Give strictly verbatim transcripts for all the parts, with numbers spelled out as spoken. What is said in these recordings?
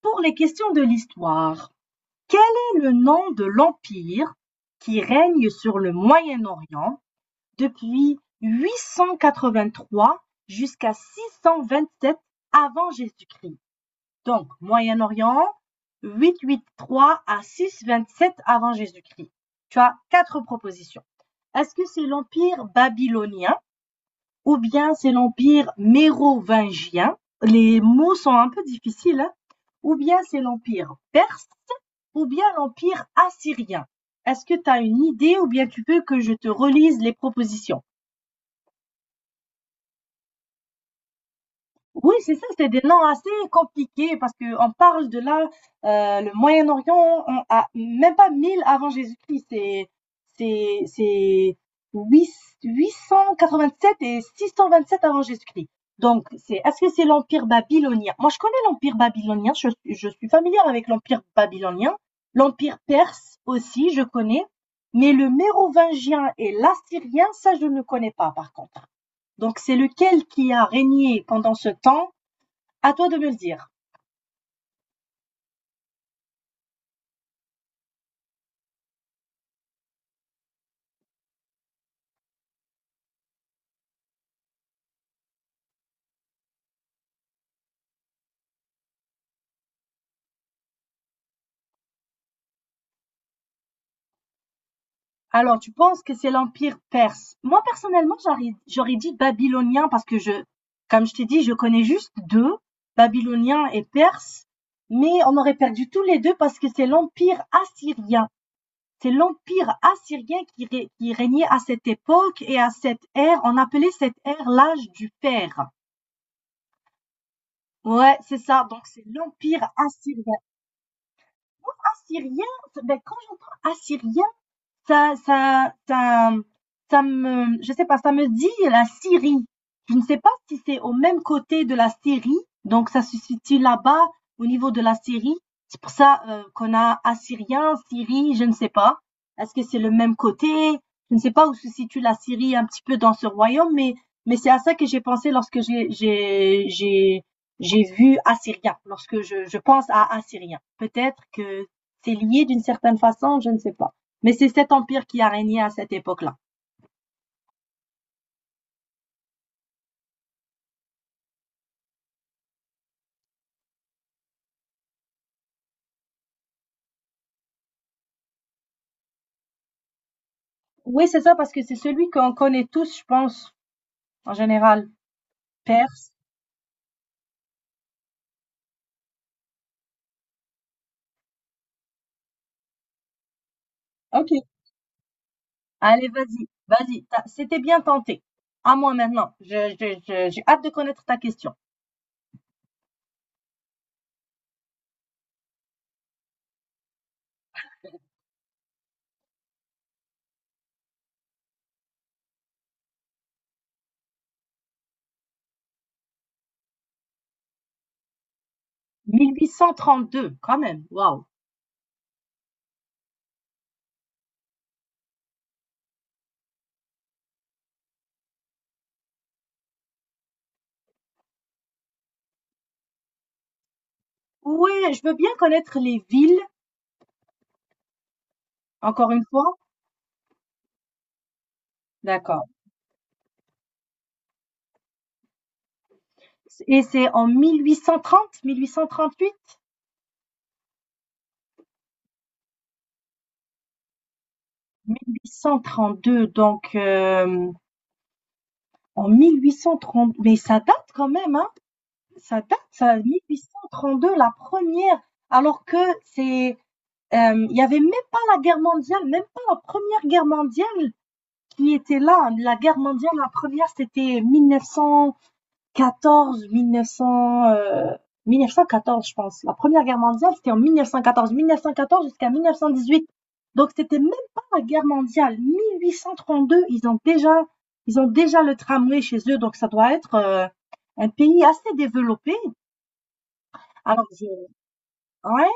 Pour les questions de l'histoire, quel est le nom de l'empire qui règne sur le Moyen-Orient depuis huit cent quatre-vingt-trois jusqu'à six cent vingt-sept avant Jésus-Christ? Donc, Moyen-Orient, huit cent quatre-vingt-trois à six cent vingt-sept avant Jésus-Christ. Tu as quatre propositions. Est-ce que c'est l'empire babylonien ou bien c'est l'empire mérovingien? Les mots sont un peu difficiles, hein? Ou bien c'est l'empire perse ou bien l'empire assyrien. Est-ce que tu as une idée ou bien tu veux que je te relise les propositions? Oui, c'est ça, c'est des noms assez compliqués parce que on parle de là, euh, le Moyen-Orient, on a même pas mille avant Jésus-Christ, c'est, c'est, c'est huit- huit cent quatre-vingt-sept et six cent vingt-sept avant Jésus-Christ. Donc, c'est, est-ce que c'est l'Empire babylonien? Moi, je connais l'Empire babylonien, je, je suis familière avec l'Empire babylonien, l'Empire perse aussi, je connais, mais le mérovingien et l'assyrien, ça, je ne connais pas, par contre. Donc, c'est lequel qui a régné pendant ce temps? À toi de me le dire. Alors, tu penses que c'est l'Empire perse? Moi, personnellement, j'aurais j'aurais dit babylonien parce que je, comme je t'ai dit, je connais juste deux, babylonien et perse, mais on aurait perdu tous les deux parce que c'est l'Empire assyrien. C'est l'Empire assyrien qui, ré- qui régnait à cette époque et à cette ère. On appelait cette ère l'âge du fer. Ouais, c'est ça. Donc, c'est l'Empire assyrien. Assyrien, ben, quand j'entends assyrien, ça, ça, ça, ça me, je sais pas, ça me dit la Syrie. Je ne sais pas si c'est au même côté de la Syrie, donc ça se situe là-bas au niveau de la Syrie. C'est pour ça euh, qu'on a Assyrien, Syrie, je ne sais pas. Est-ce que c'est le même côté? Je ne sais pas où se situe la Syrie un petit peu dans ce royaume, mais mais c'est à ça que j'ai pensé lorsque j'ai j'ai j'ai j'ai vu Assyrien, lorsque je, je pense à Assyrien. Peut-être que c'est lié d'une certaine façon, je ne sais pas. Mais c'est cet empire qui a régné à cette époque-là. Oui, c'est ça, parce que c'est celui qu'on connaît tous, je pense, en général. Perse. OK. Allez, vas-y, vas-y. T'as- C'était bien tenté. À moi maintenant. Je- je- je- j'ai hâte de connaître ta question. mille huit cent trente-deux, quand même. Waouh. Ouais, je veux bien connaître les villes, encore une fois. D'accord. Et c'est en mille huit cent trente, mille huit cent trente-huit, mille huit cent trente-deux, donc euh, en mille huit cent trente, mais ça date quand même, hein, ça date, ça, mille huit cent trente-deux, la première, alors que c'est, euh, il euh, n'y avait même pas la guerre mondiale, même pas la première guerre mondiale qui était là. La guerre mondiale, la première, c'était mille neuf cents, quatorze, mille neuf cents, euh, mille neuf cent quatorze, je pense. La Première Guerre mondiale, c'était en mille neuf cent quatorze. mille neuf cent quatorze jusqu'à mille neuf cent dix-huit. Donc, c'était même pas la guerre mondiale. mille huit cent trente-deux, ils ont déjà, ils ont déjà le tramway chez eux. Donc, ça doit être euh, un pays assez développé. Alors, je- ouais.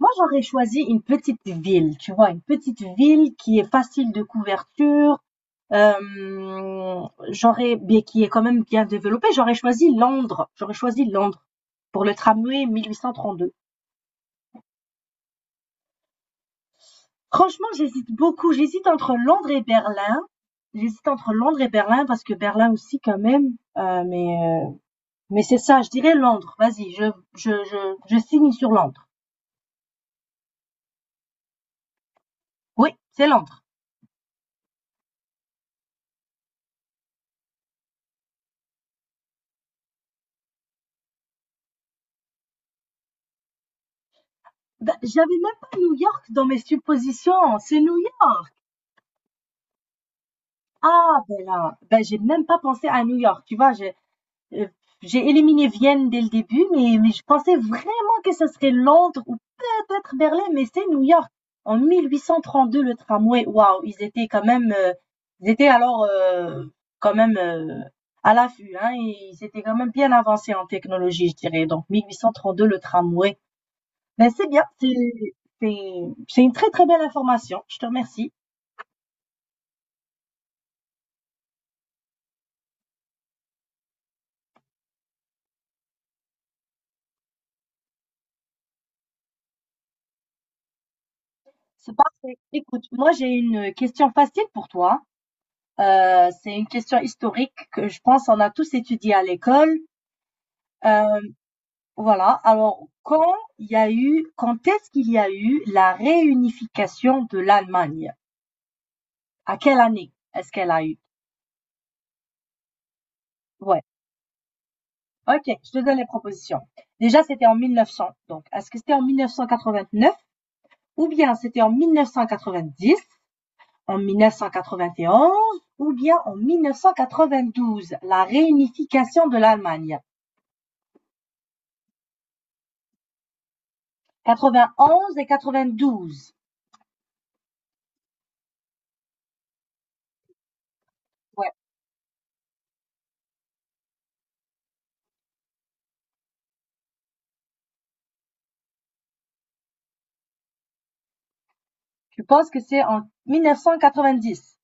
Moi, j'aurais choisi une petite ville, tu vois, une petite ville qui est facile de couverture, euh, j'aurais, bien- qui est quand même bien développé, j'aurais choisi Londres. J'aurais choisi Londres pour le tramway mille huit cent trente-deux. Franchement, j'hésite beaucoup. J'hésite entre Londres et Berlin. J'hésite entre Londres et Berlin parce que Berlin aussi quand même. Euh, mais euh, mais c'est ça, je dirais Londres. Vas-y, je, je, je, je signe sur Londres. Oui, c'est Londres. Ben, j'avais même pas New York dans mes suppositions. C'est New York. Ah, ben là, ben j'ai même pas pensé à New York. Tu vois, je, Euh, j'ai éliminé Vienne dès le début, mais, mais je pensais vraiment que ce serait Londres ou peut-être Berlin, mais c'est New York. En mille huit cent trente-deux, le tramway, waouh, ils étaient quand même, euh, ils étaient alors euh, quand même euh, à l'affût, hein, et ils étaient quand même bien avancés en technologie, je dirais. Donc mille huit cent trente-deux, le tramway. Ben c'est bien, c'est c'est- c'est une très très belle information. Je te remercie. C'est parfait. Écoute, moi j'ai une question facile pour toi. Euh, c'est une question historique que je pense on a tous étudié à l'école. Euh, voilà. Alors, quand il y a eu, quand est-ce qu'il y a eu la réunification de l'Allemagne? À quelle année est-ce qu'elle a eu? Ouais. Ok, je te donne les propositions. Déjà, c'était en mille neuf cents. Donc, est-ce que c'était en mille neuf cent quatre-vingt-neuf ou bien c'était en mille neuf cent quatre-vingt-dix, en mille neuf cent quatre-vingt-onze ou bien en mille neuf cent quatre-vingt-douze, la réunification de l'Allemagne? quatre-vingt-onze et quatre-vingt-douze. Ouais. Je pense que c'est en mille neuf cent quatre-vingt-dix.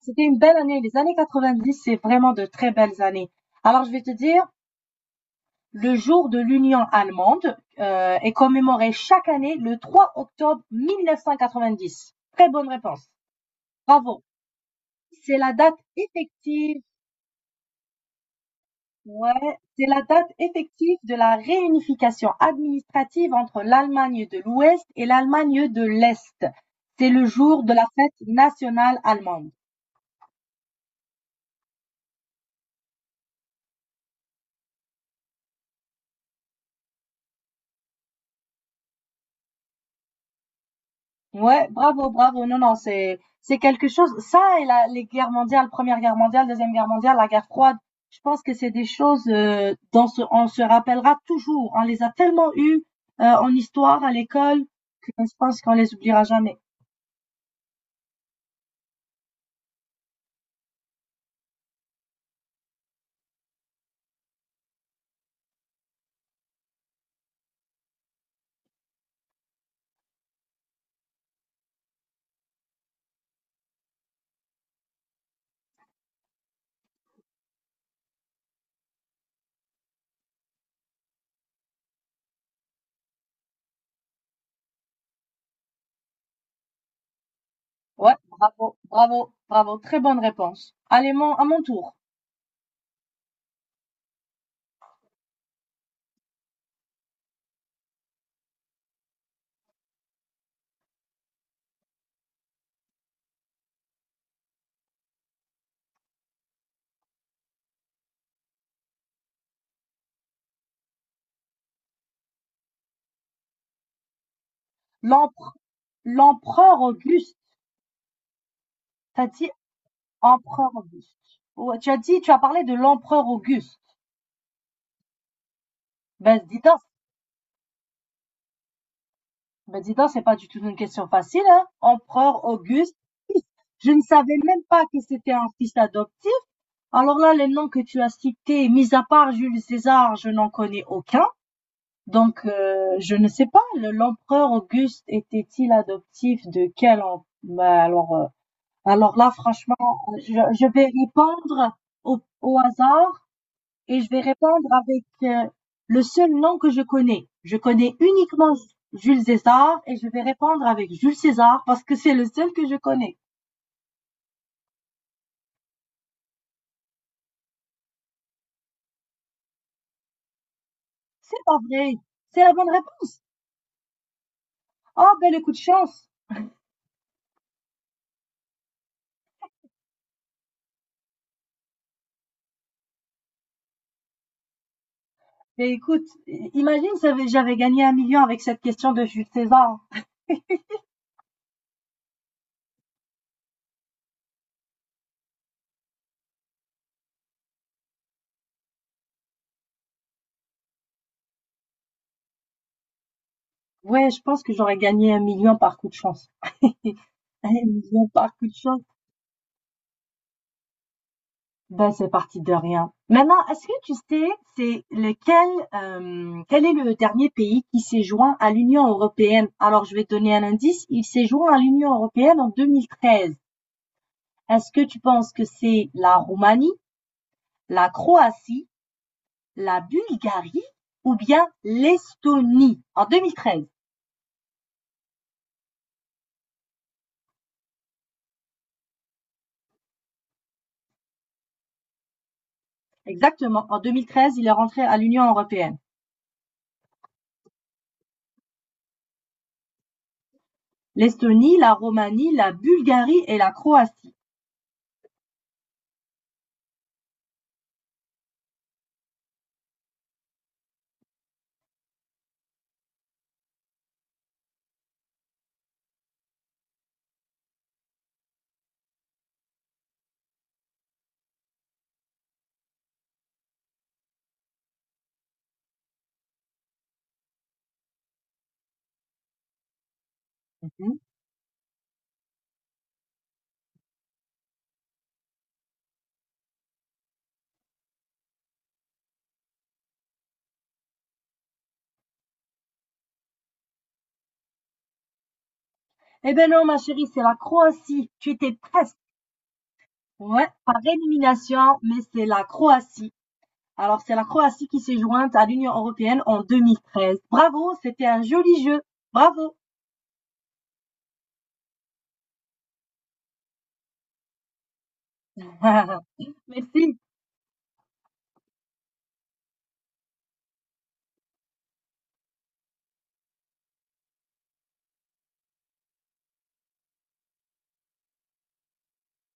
C'était une belle année. Les années quatre-vingt-dix, c'est vraiment de très belles années. Alors, je vais te dire, le jour de l'Union allemande euh, est commémoré chaque année le trois octobre mille neuf cent quatre-vingt-dix. Très bonne réponse. Bravo. C'est la date effective. Ouais, c'est la date effective de la réunification administrative entre l'Allemagne de l'Ouest et l'Allemagne de l'Est. C'est le jour de la fête nationale allemande. Ouais, bravo, bravo. Non, non, c'est c'est quelque chose. Ça et la, les guerres mondiales, Première Guerre mondiale, Deuxième Guerre mondiale, la guerre froide. Je pense que c'est des choses euh, dont se- on se rappellera toujours. On les a tellement eues euh, en histoire à l'école que je pense qu'on les oubliera jamais. Ouais, bravo, bravo, bravo. Très bonne réponse. Allez, mon, à mon tour. L'empre- L'empereur Auguste. T'as dit empereur Auguste. Ouais, tu as dit, tu as parlé de l'empereur Auguste. Ben, dis donc, Ben dis donc, c'est pas du tout une question facile, hein? Empereur Auguste. Je ne savais même pas que c'était un fils adoptif. Alors là, les noms que tu as cités, mis à part Jules César, je n'en connais aucun. Donc, euh, je ne sais pas, le- l'empereur Auguste était-il adoptif de quel empereur? alors, euh, alors là, franchement, je, je vais répondre au, au hasard et je vais répondre avec euh, le seul nom que je connais. Je connais uniquement Jules César et je vais répondre avec Jules César parce que c'est le seul que je connais. C'est pas vrai. C'est la bonne réponse. Oh, ben le coup de chance. Mais écoute, imagine si j'avais gagné un million avec cette question de Jules César. Ouais, je pense que j'aurais gagné un million par coup de chance. Un million par coup de chance. Ben, c'est parti de rien. Maintenant, est-ce que tu sais, c'est lequel, euh, quel est le dernier pays qui s'est joint à l'Union européenne? Alors, je vais te donner un indice. Il s'est joint à l'Union européenne en deux mille treize. Est-ce que tu penses que c'est la Roumanie, la Croatie, la Bulgarie ou bien l'Estonie? En deux mille treize. Exactement. En deux mille treize, il est rentré à l'Union européenne. L'Estonie, la Roumanie, la Bulgarie et la Croatie. Mhm. Eh ben non, ma chérie, c'est la Croatie. Tu étais presque. Ouais, par élimination, mais c'est la Croatie. Alors, c'est la Croatie qui s'est jointe à l'Union européenne en deux mille treize. Bravo, c'était un joli jeu. Bravo. Merci.